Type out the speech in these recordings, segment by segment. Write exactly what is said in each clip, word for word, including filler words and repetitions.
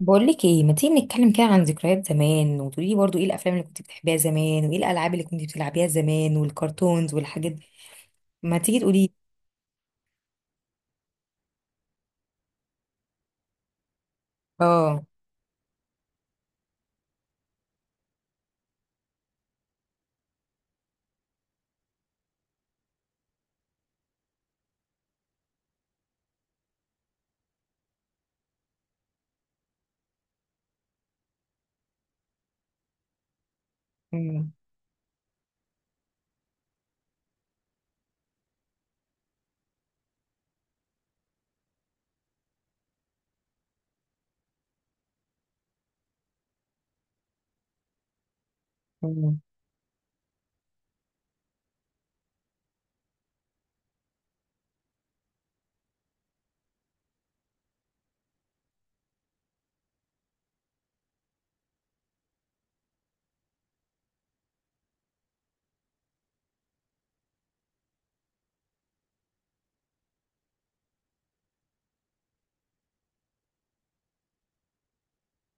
بقول لك ايه، ما تيجي نتكلم كده عن ذكريات زمان وتقولي لي برضو ايه الافلام اللي كنت بتحبيها زمان وايه الالعاب اللي كنت بتلعبيها زمان والكرتونز والحاجات دي؟ ما تيجي تقولي لي. اه. مم، مم،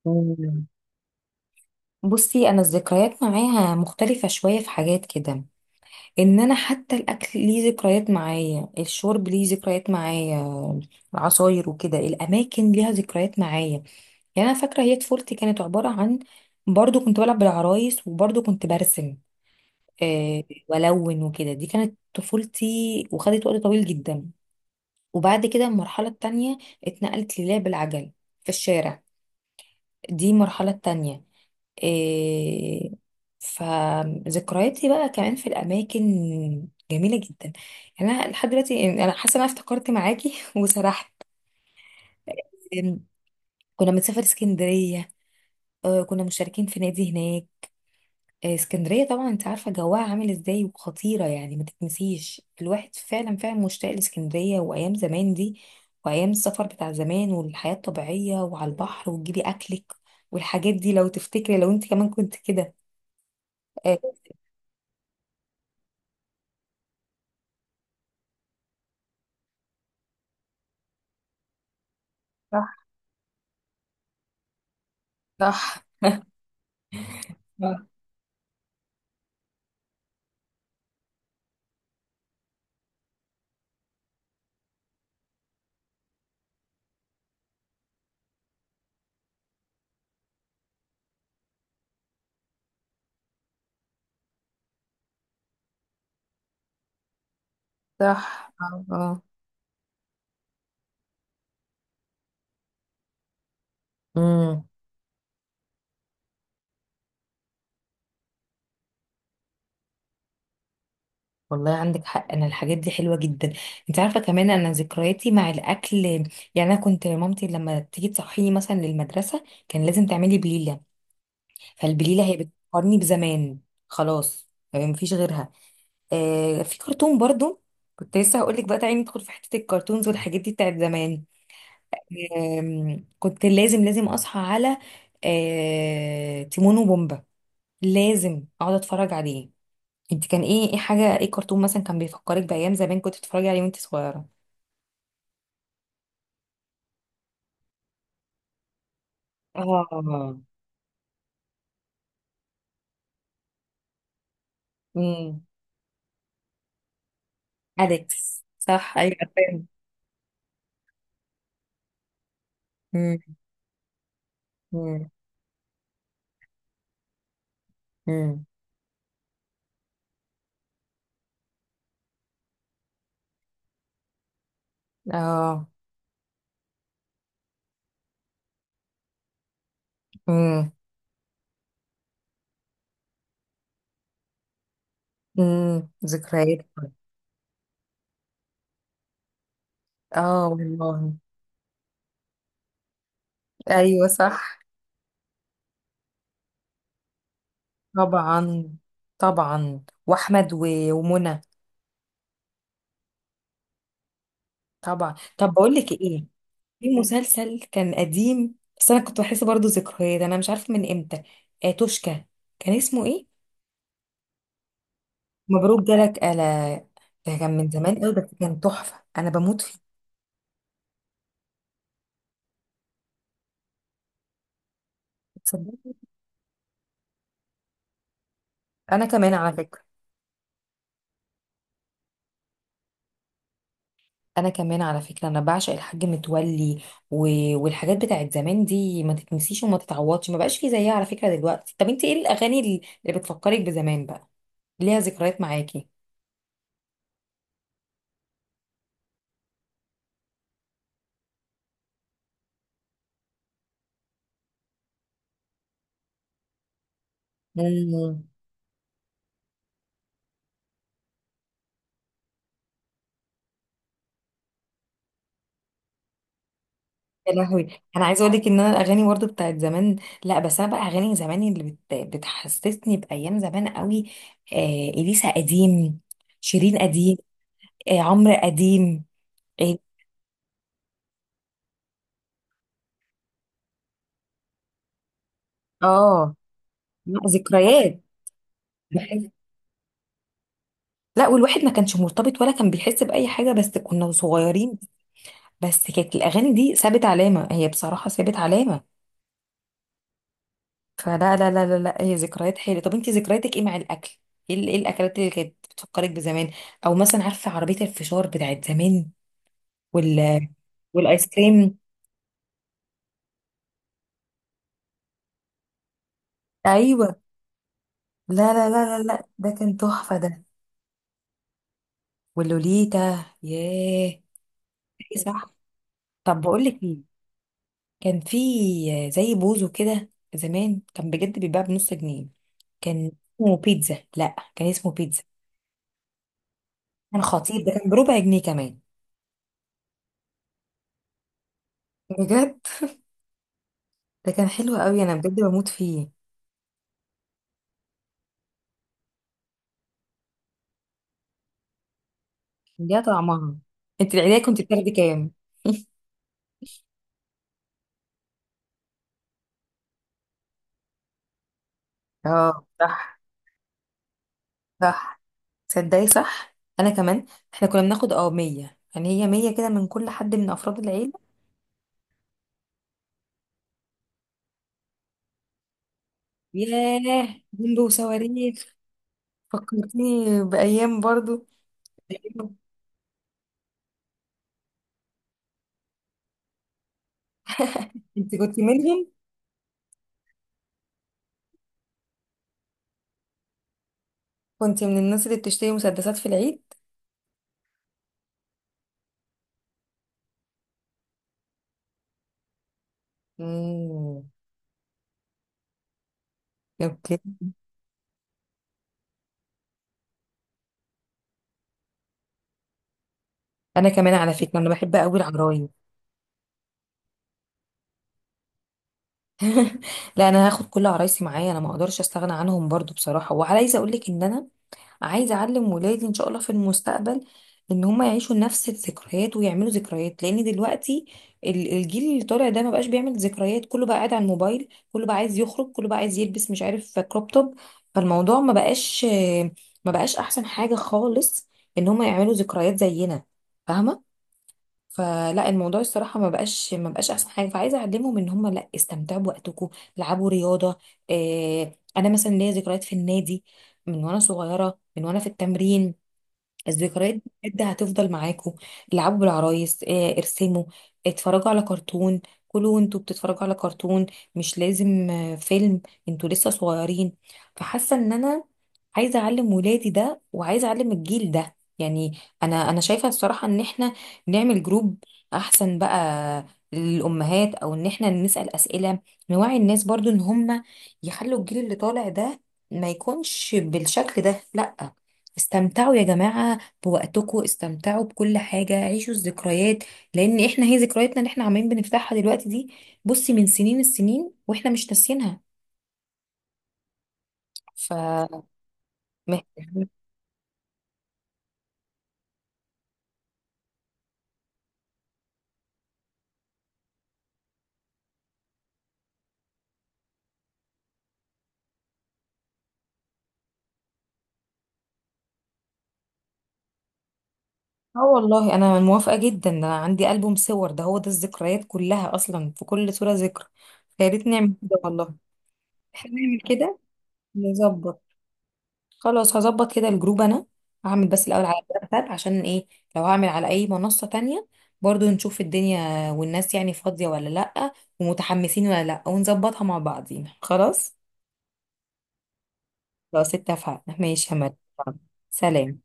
مم. بصي، انا الذكريات معايا مختلفة شوية في حاجات كده. ان انا حتى الاكل ليه ذكريات معايا، الشرب ليه ذكريات معايا، العصاير وكده، الاماكن ليها ذكريات معايا. يعني انا فاكرة هي طفولتي كانت عبارة عن برضو كنت بلعب بالعرايس وبرضو كنت برسم، آه، والون وكده. دي كانت طفولتي وخدت وقت طويل جدا. وبعد كده المرحله التانية اتنقلت للعب العجل في الشارع، دي المرحله التانية. آه، فذكرياتي بقى كمان في الاماكن، جميله جدا. يعني انا لحد دلوقتي، يعني انا حاسه ان انا افتكرت معاكي وسرحت. آم، كنا بنسافر اسكندريه، آه، كنا مشتركين في نادي هناك. آه، اسكندرية طبعا انت عارفة جواها عامل ازاي وخطيرة، يعني ما تتنسيش. الواحد فعلا فعلا مشتاق لاسكندرية وايام زمان دي، وايام السفر بتاع زمان والحياة الطبيعية وعلى البحر وتجيبي اكلك والحاجات دي. لو تفتكري، لو انت كمان كنت كده. آه. صح. صح. آه. صح، اه، آه. امم. والله عندك حق، انا الحاجات دي حلوه جدا. انت عارفه كمان انا ذكرياتي مع الاكل، يعني انا كنت مامتي لما تيجي تصحيني مثلا للمدرسه كان لازم تعملي بليله، فالبليله هي بتفكرني بزمان، خلاص يعني مفيش غيرها. آه، في كرتون برضو كنت لسه هقول لك بقى، تعالي ندخل في حته الكرتونز والحاجات دي بتاعت زمان. آم، كنت لازم لازم اصحى على آه تيمون وبومبا، لازم اقعد اتفرج عليه. انت كان ايه، ايه حاجه، ايه كرتون مثلا كان بيفكرك بايام زمان كنت بتتفرجي عليه وانت صغيره؟ اه. امم. اليكس، صح، ايوه عارفاه. امم. امم. امم. اه. امم. امم، ذكريات. اه والله. ايوه صح. طبعا. طبعا، واحمد و- ومنى. طبعا. طب بقول لك ايه، في مسلسل كان قديم بس انا كنت بحس برضو ذكريات، انا مش عارفه من امتى. آه توشكا، كان اسمه ايه؟ مبروك جالك قلا، ده كان من زمان قوي بس كان تحفه، انا بموت فيه. تصدق؟ انا كمان على فكره. انا كمان على فكره، انا بعشق الحاج متولي. و... والحاجات بتاعت زمان دي ما تتنسيش وما تتعوضش، ما بقاش في زيها على فكره دلوقتي. طب انت ايه الاغاني اللي اللي بتفكرك بزمان بقى، ليها ذكريات معاكي؟ مم. يا لهوي. انا عايزه اقول لك ان انا الاغاني برضه بتاعت زمان، لا، بس انا بقى اغاني زمان اللي بت... بتحسسني بايام زمان قوي. آه... اليسا قديم، شيرين قديم، آه... عمرو قديم. اه. آه، لا، ذكريات. لا، والواحد ما كانش مرتبط ولا كان بيحس بأي حاجة، بس كنا صغيرين، بس كانت الأغاني دي سابت علامة، هي بصراحة سابت علامة. فلا لا لا لا لا، هي ذكريات حلوة. طب انت ذكرياتك ايه مع الأكل؟ ايه ال- إيه الأكلات اللي كانت بتفكرك بزمان؟ أو مثلا عارفة عربية الفشار بتاعت زمان وال والآيس كريم؟ أيوه. لا لا لا لا لا، ده كان تحفة ده. واللوليتا. ياه. إيه صح. طب بقول لك ايه، كان في زي بوزو كده زمان، كان بجد بيتباع بنص جنيه، كان اسمه بيتزا. لا، كان اسمه بيتزا، كان خطير ده، كان بربع جنيه كمان. بجد ده كان حلو قوي، انا بجد بموت فيه. ليها طعمها. انت العيدية كنت بتاخدي كام؟ اه صح. صح. تصدقي؟ صح. انا كمان، احنا كنا بناخد اه مية، يعني هي مية كده من كل حد من افراد العيله. ياه، جنبه وصواريخ. فكرتني بايام برضو. انت كنت منهم، كنت من الناس اللي بتشتري مسدسات في العيد؟ امم. اوكي. انا كمان على فكره انا بحب قوي العرايس لا، انا هاخد كل عرايسي معايا، انا ما اقدرش استغنى عنهم برضو بصراحه. وعايزه اقول لك ان انا عايزه اعلم ولادي ان شاء الله في المستقبل، ان هم يعيشوا نفس الذكريات ويعملوا ذكريات، لان دلوقتي ال- الجيل اللي طالع ده ما بقاش بيعمل ذكريات، كله بقى قاعد على الموبايل، كله بقى عايز يخرج، كله بقى عايز يلبس مش عارف كروب توب. فالموضوع ما بقاش ما بقاش احسن حاجه خالص، ان هم يعملوا ذكريات زينا، فاهمه؟ فلا، الموضوع الصراحه ما بقاش ما بقاش احسن حاجه. فعايزه اعلمهم ان هم لا، استمتعوا بوقتكم، العبوا رياضه. إيه، انا مثلا ليا ذكريات في النادي من وانا صغيره، من وانا في التمرين، الذكريات دي بجد هتفضل معاكوا. العبوا بالعرايس، آه، ارسموا، اتفرجوا على كرتون، كلوا وانتوا بتتفرجوا على كرتون، مش لازم آه، فيلم، انتوا لسه صغيرين. فحاسه ان انا عايزه اعلم ولادي ده، وعايزه اعلم الجيل ده. يعني انا، انا شايفه الصراحه ان احنا نعمل جروب احسن بقى للامهات، او ان احنا نسال اسئله، نوعي الناس برضو ان هم يخلوا الجيل اللي طالع ده ما يكونش بالشكل ده. لا، استمتعوا يا جماعة بوقتكم، استمتعوا بكل حاجة، عيشوا الذكريات، لأن احنا هي ذكرياتنا اللي احنا عمالين بنفتحها دلوقتي دي بصي من سنين السنين واحنا مش ناسيينها. ف مه- اه والله انا موافقة جدا، ده انا عندي ألبوم صور، ده هو ده الذكريات كلها اصلا، في كل صورة ذكر، فيا ريت نعمل كده والله. احنا نعمل كده، نظبط. خلاص، هظبط كده الجروب. انا هعمل بس الاول على الواتساب، عشان ايه، لو هعمل على اي منصة تانية برضو نشوف الدنيا والناس يعني فاضية ولا لأ، ومتحمسين ولا لأ، ونظبطها مع بعضينا. خلاص، خلاص اتفقنا، ماشي يا مريم، سلام.